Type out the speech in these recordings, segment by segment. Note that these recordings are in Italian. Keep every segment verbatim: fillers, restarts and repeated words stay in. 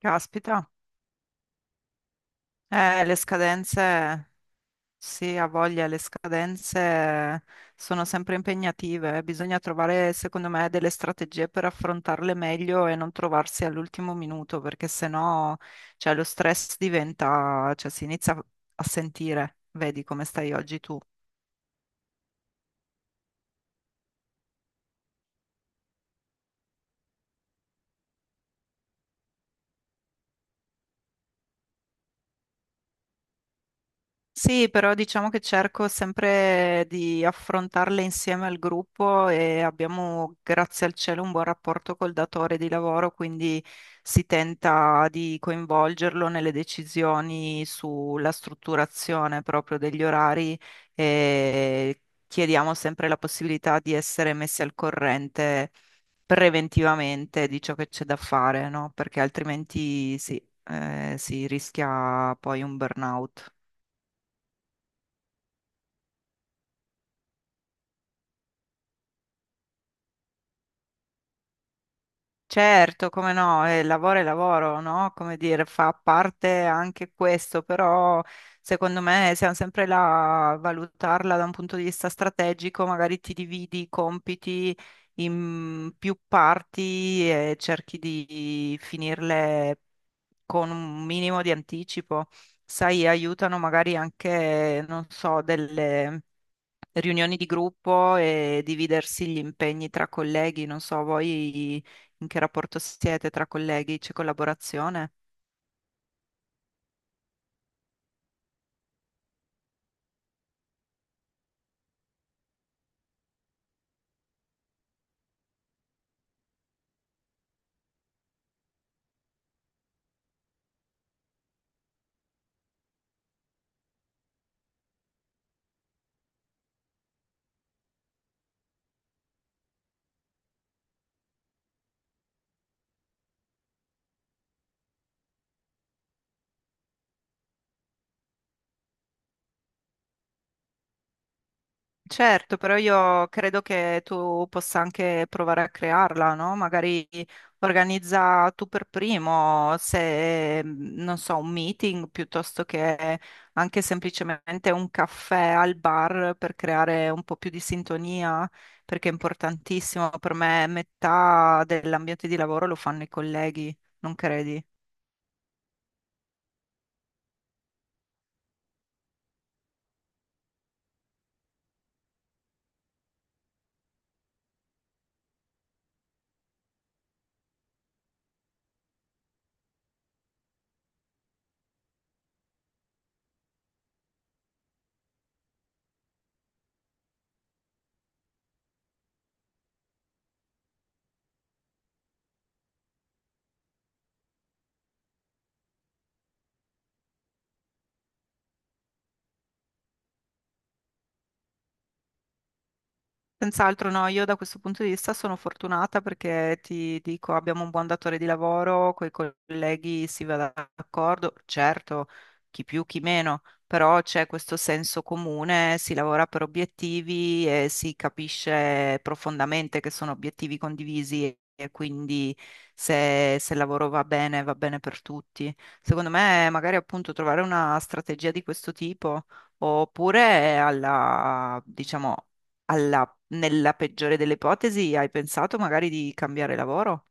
Caspita, eh, le scadenze, sì, ha voglia, le scadenze sono sempre impegnative, eh. Bisogna trovare, secondo me, delle strategie per affrontarle meglio e non trovarsi all'ultimo minuto, perché sennò, cioè, lo stress diventa, cioè, si inizia a sentire, vedi come stai oggi tu. Sì, però diciamo che cerco sempre di affrontarle insieme al gruppo e abbiamo, grazie al cielo, un buon rapporto col datore di lavoro, quindi si tenta di coinvolgerlo nelle decisioni sulla strutturazione proprio degli orari e chiediamo sempre la possibilità di essere messi al corrente preventivamente di ciò che c'è da fare, no? Perché altrimenti sì, eh, si rischia poi un burnout. Certo, come no, eh, lavoro è lavoro, no? Come dire, fa parte anche questo, però secondo me siamo sempre là a valutarla da un punto di vista strategico, magari ti dividi i compiti in più parti e cerchi di finirle con un minimo di anticipo. Sai, aiutano magari anche, non so, delle riunioni di gruppo e dividersi gli impegni tra colleghi. Non so, voi in che rapporto siete tra colleghi? C'è collaborazione? Certo, però io credo che tu possa anche provare a crearla, no? Magari organizza tu per primo, se mh, non so, un meeting piuttosto che anche semplicemente un caffè al bar per creare un po' più di sintonia, perché è importantissimo. Per me metà dell'ambiente di lavoro lo fanno i colleghi, non credi? Senz'altro no, io da questo punto di vista sono fortunata perché ti dico, abbiamo un buon datore di lavoro, coi colleghi si va d'accordo, certo, chi più, chi meno, però c'è questo senso comune, si lavora per obiettivi e si capisce profondamente che sono obiettivi condivisi e quindi se, se il lavoro va bene, va bene per tutti. Secondo me, magari appunto trovare una strategia di questo tipo oppure alla, diciamo, alla nella peggiore delle ipotesi, hai pensato magari di cambiare lavoro?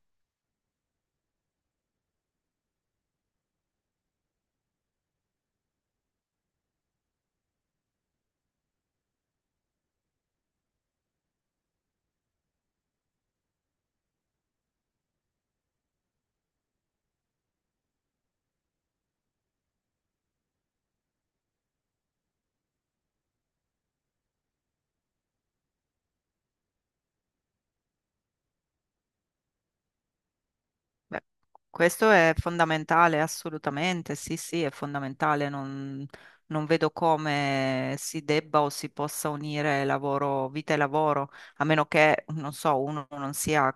Beh, questo è fondamentale, assolutamente, sì, sì, è fondamentale. Non, non vedo come si debba o si possa unire lavoro, vita e lavoro, a meno che, non so, uno non sia,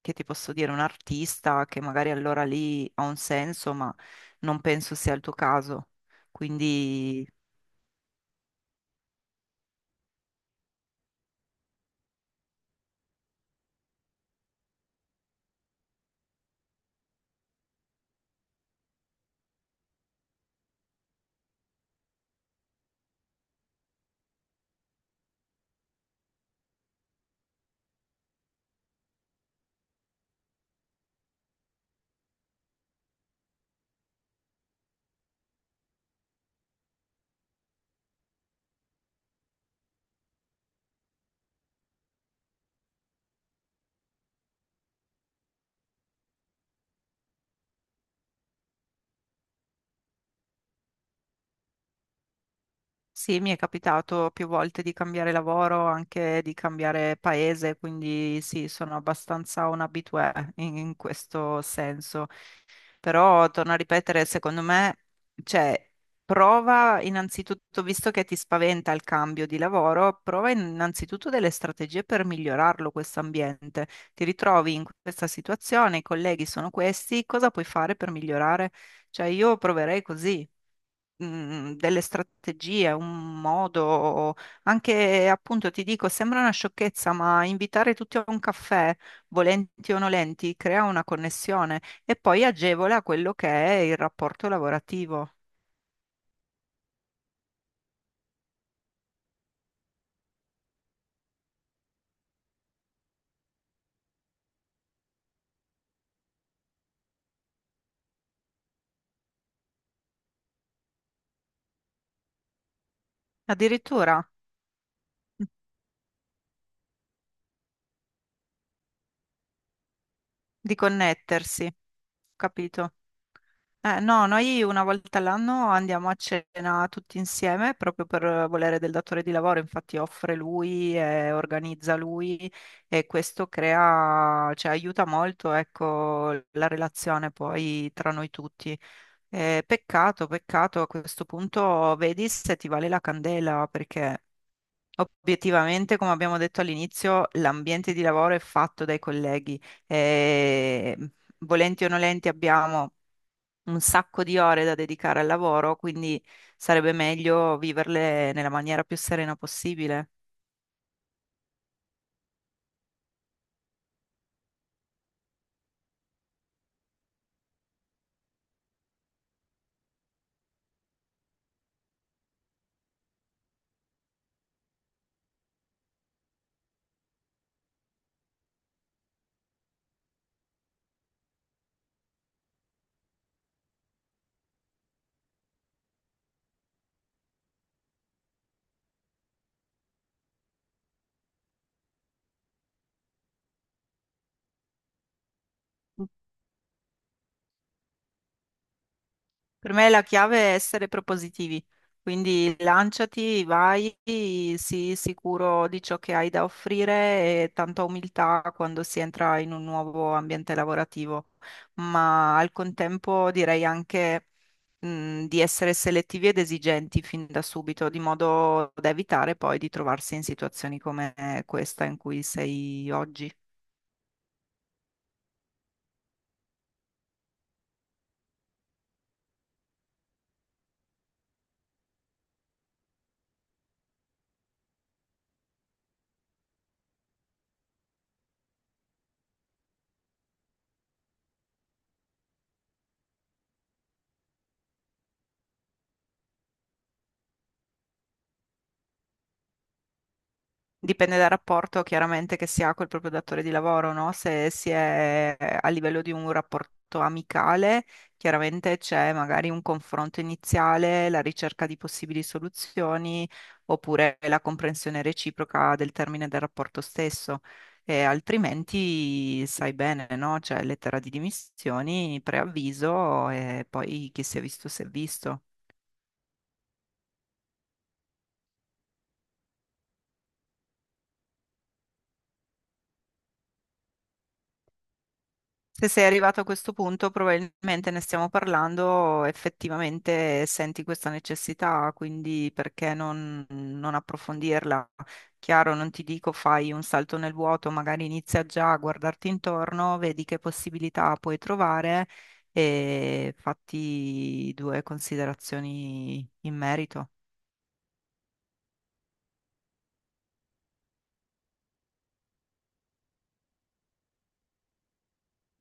che ti posso dire, un artista, che magari allora lì ha un senso, ma non penso sia il tuo caso. Quindi... Sì, mi è capitato più volte di cambiare lavoro, anche di cambiare paese, quindi sì, sono abbastanza un habitué in, in questo senso. Però, torno a ripetere, secondo me, cioè, prova innanzitutto, visto che ti spaventa il cambio di lavoro, prova innanzitutto delle strategie per migliorarlo questo ambiente. Ti ritrovi in questa situazione, i colleghi sono questi, cosa puoi fare per migliorare? Cioè, io proverei così mh, delle strategie, un modo, anche appunto ti dico, sembra una sciocchezza, ma invitare tutti a un caffè, volenti o nolenti, crea una connessione e poi agevola quello che è il rapporto lavorativo, addirittura di connettersi, capito? Eh, no, noi una volta all'anno andiamo a cena tutti insieme proprio per volere del datore di lavoro, infatti offre lui e organizza lui e questo crea, cioè aiuta molto, ecco, la relazione poi tra noi tutti. Eh, peccato, peccato, a questo punto vedi se ti vale la candela perché obiettivamente, come abbiamo detto all'inizio, l'ambiente di lavoro è fatto dai colleghi e volenti o nolenti abbiamo un sacco di ore da dedicare al lavoro, quindi sarebbe meglio viverle nella maniera più serena possibile. Per me la chiave è essere propositivi, quindi lanciati, vai, sii sicuro di ciò che hai da offrire e tanta umiltà quando si entra in un nuovo ambiente lavorativo, ma al contempo direi anche mh, di essere selettivi ed esigenti fin da subito, di modo da evitare poi di trovarsi in situazioni come questa in cui sei oggi. Dipende dal rapporto chiaramente che si ha col proprio datore di lavoro, no? Se si è a livello di un rapporto amicale, chiaramente c'è magari un confronto iniziale, la ricerca di possibili soluzioni, oppure la comprensione reciproca del termine del rapporto stesso. E altrimenti sai bene, no? C'è lettera di dimissioni, preavviso e poi chi si è visto si è visto. Se sei arrivato a questo punto, probabilmente ne stiamo parlando, effettivamente senti questa necessità, quindi perché non, non approfondirla? Chiaro, non ti dico fai un salto nel vuoto, magari inizia già a guardarti intorno, vedi che possibilità puoi trovare e fatti due considerazioni in merito.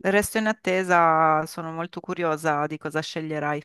Resto in attesa, sono molto curiosa di cosa sceglierai.